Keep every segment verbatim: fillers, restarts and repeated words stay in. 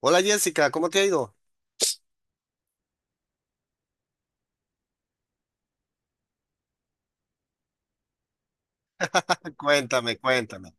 Hola Jessica, ¿cómo te ha ido? Cuéntame, cuéntame.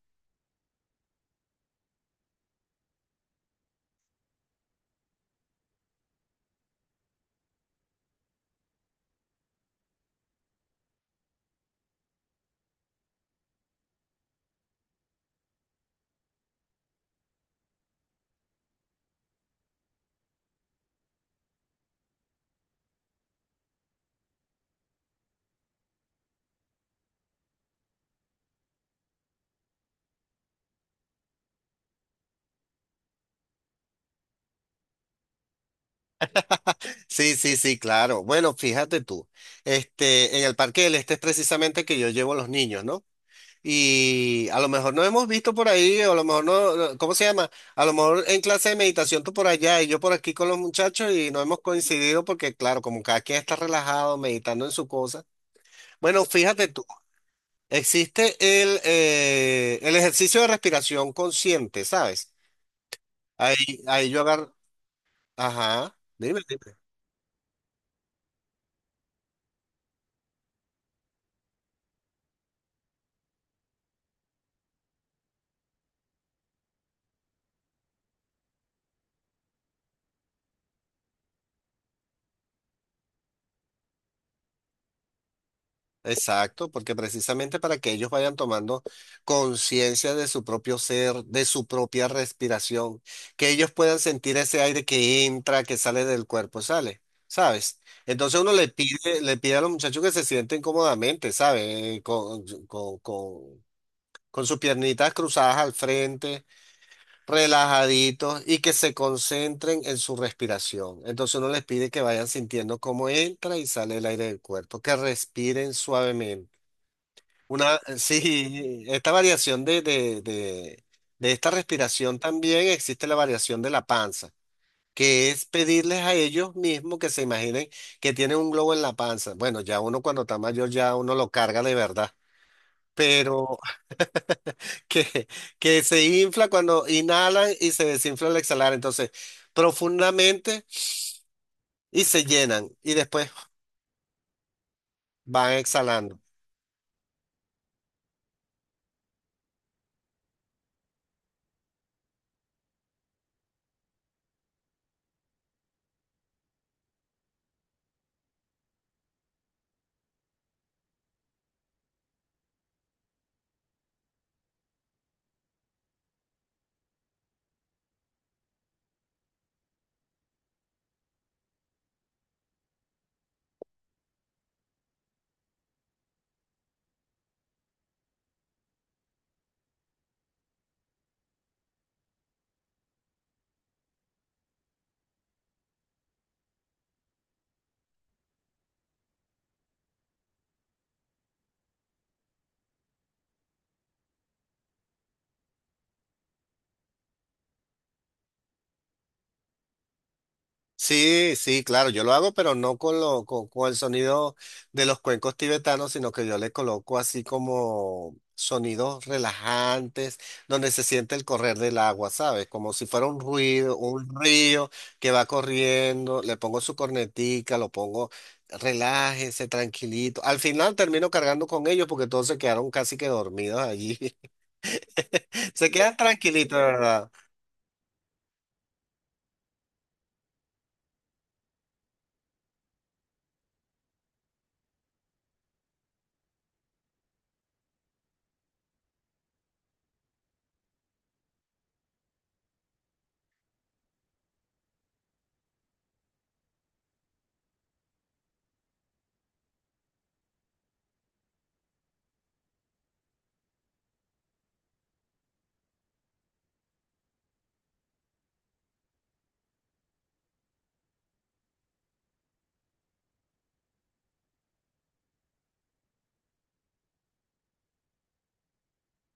Sí, sí, sí, claro. Bueno, fíjate tú, este, en el Parque del Este es precisamente que yo llevo a los niños, ¿no? Y a lo mejor no hemos visto por ahí, o a lo mejor no, no- ¿cómo se llama? A lo mejor en clase de meditación tú por allá y yo por aquí con los muchachos y no hemos coincidido porque, claro, como cada quien está relajado, meditando en su cosa. Bueno, fíjate tú, existe el, eh, el ejercicio de respiración consciente, ¿sabes? Ahí, ahí yo agarro, ajá, dime. Dime. Exacto, porque precisamente para que ellos vayan tomando conciencia de su propio ser, de su propia respiración, que ellos puedan sentir ese aire que entra, que sale del cuerpo, sale, ¿sabes? Entonces uno le pide, le pide a los muchachos que se sienten cómodamente, ¿sabes? Con, con, con, con sus piernitas cruzadas al frente, relajaditos y que se concentren en su respiración. Entonces uno les pide que vayan sintiendo cómo entra y sale el aire del cuerpo, que respiren suavemente. Una, sí, esta variación de, de, de, de esta respiración también existe la variación de la panza, que es pedirles a ellos mismos que se imaginen que tienen un globo en la panza. Bueno, ya uno cuando está mayor ya uno lo carga de verdad, pero que, que se infla cuando inhalan y se desinfla al exhalar. Entonces, profundamente y se llenan y después van exhalando. Sí, sí, claro, yo lo hago, pero no con, lo, con, con el sonido de los cuencos tibetanos, sino que yo le coloco así como sonidos relajantes, donde se siente el correr del agua, ¿sabes? Como si fuera un ruido, un río que va corriendo, le pongo su cornetica, lo pongo, relájese, tranquilito. Al final termino cargando con ellos porque todos se quedaron casi que dormidos allí. Se quedan tranquilitos, de ¿verdad?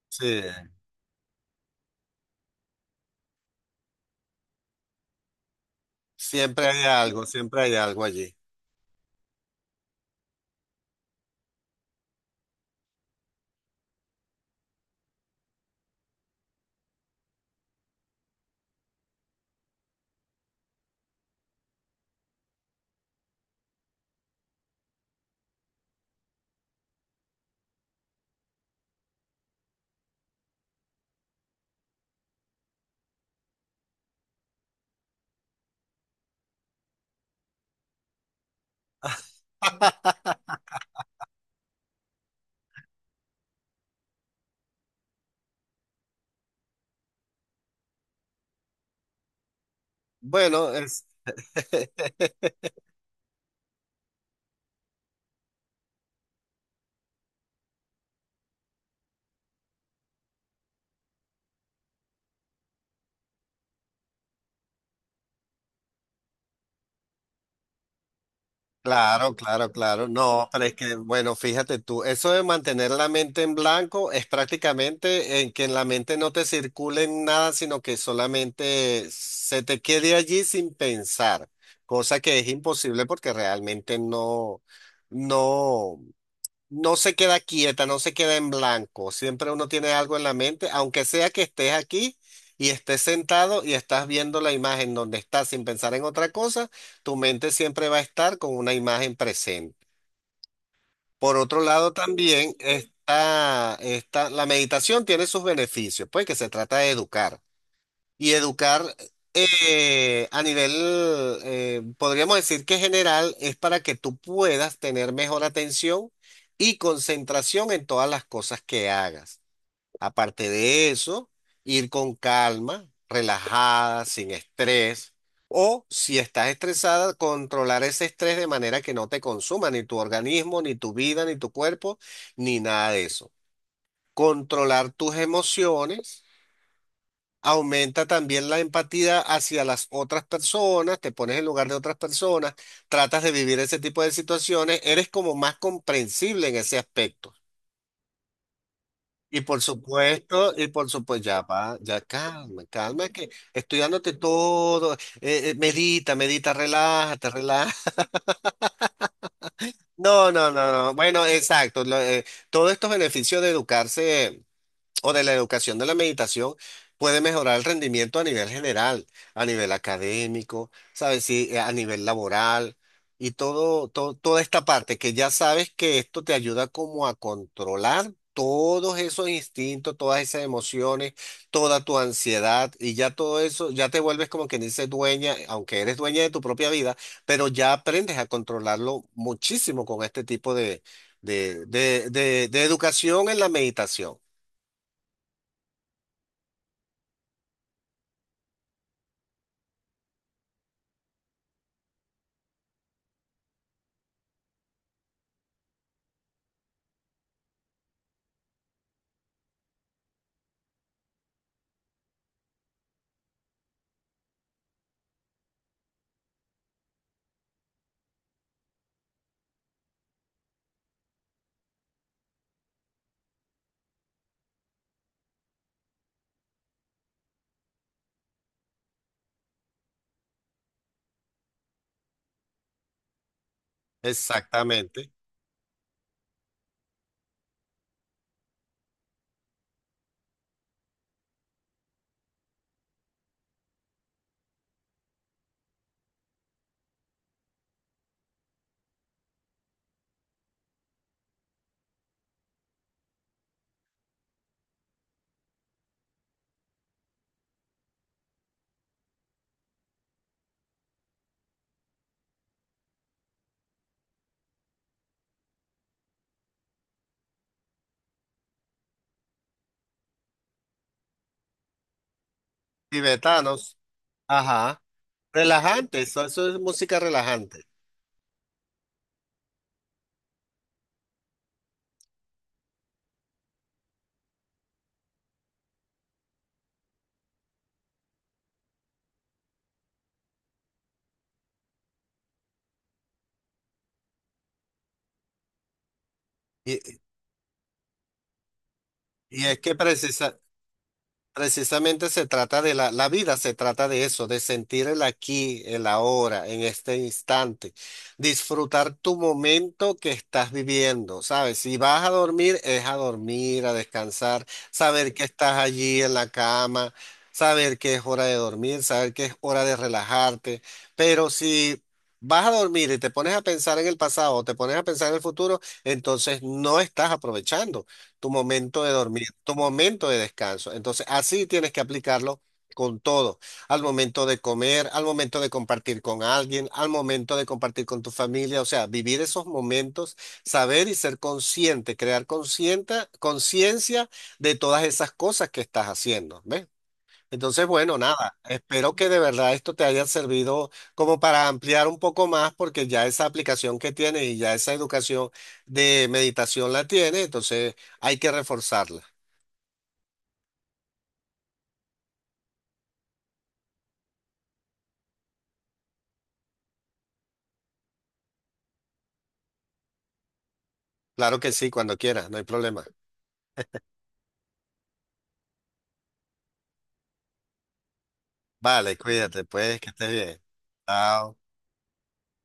Sí, siempre hay algo, siempre hay algo allí. Bueno, el claro, claro, claro. No, pero es que, bueno, fíjate tú, eso de mantener la mente en blanco es prácticamente en que en la mente no te circule nada, sino que solamente se te quede allí sin pensar, cosa que es imposible porque realmente no, no. No se queda quieta, no se queda en blanco. Siempre uno tiene algo en la mente, aunque sea que estés aquí y estés sentado y estás viendo la imagen donde estás sin pensar en otra cosa, tu mente siempre va a estar con una imagen presente. Por otro lado, también está, está la meditación tiene sus beneficios, pues que se trata de educar y educar eh, a nivel, eh, podríamos decir que general, es para que tú puedas tener mejor atención y concentración en todas las cosas que hagas. Aparte de eso, ir con calma, relajada, sin estrés. O si estás estresada, controlar ese estrés de manera que no te consuma ni tu organismo, ni tu vida, ni tu cuerpo, ni nada de eso. Controlar tus emociones. Aumenta también la empatía hacia las otras personas, te pones en lugar de otras personas, tratas de vivir ese tipo de situaciones, eres como más comprensible en ese aspecto. Y por supuesto, y por supuesto, ya va, ya calma, calma, que estoy dándote todo, eh, eh, medita, medita, relájate, relájate. No, no, no, no. Bueno, exacto. Lo, eh, todos estos beneficios de educarse, o de la educación de la meditación, puede mejorar el rendimiento a nivel general, a nivel académico, ¿sabes? Sí, eh, a nivel laboral y todo, todo, toda esta parte que ya sabes que esto te ayuda como a controlar todos esos instintos, todas esas emociones, toda tu ansiedad y ya todo eso, ya te vuelves como quien dice dueña, aunque eres dueña de tu propia vida, pero ya aprendes a controlarlo muchísimo con este tipo de, de, de de- de educación en la meditación. Exactamente. Tibetanos. Ajá. Relajante. Eso, eso es música relajante. Y, y es que precisa, Precisamente se trata de la, la vida, se trata de eso, de sentir el aquí, el ahora, en este instante, disfrutar tu momento que estás viviendo, ¿sabes? Si vas a dormir, es a dormir, a descansar, saber que estás allí en la cama, saber que es hora de dormir, saber que es hora de relajarte, pero si vas a dormir y te pones a pensar en el pasado o te pones a pensar en el futuro, entonces no estás aprovechando tu momento de dormir, tu momento de descanso. Entonces, así tienes que aplicarlo con todo, al momento de comer, al momento de compartir con alguien, al momento de compartir con tu familia, o sea, vivir esos momentos, saber y ser consciente, crear consciente, conciencia de todas esas cosas que estás haciendo, ¿ves? Entonces, bueno, nada, espero que de verdad esto te haya servido como para ampliar un poco más, porque ya esa aplicación que tienes y ya esa educación de meditación la tienes, entonces hay que reforzarla. Claro que sí, cuando quieras, no hay problema. Vale, cuídate, pues, que estés bien. Chao.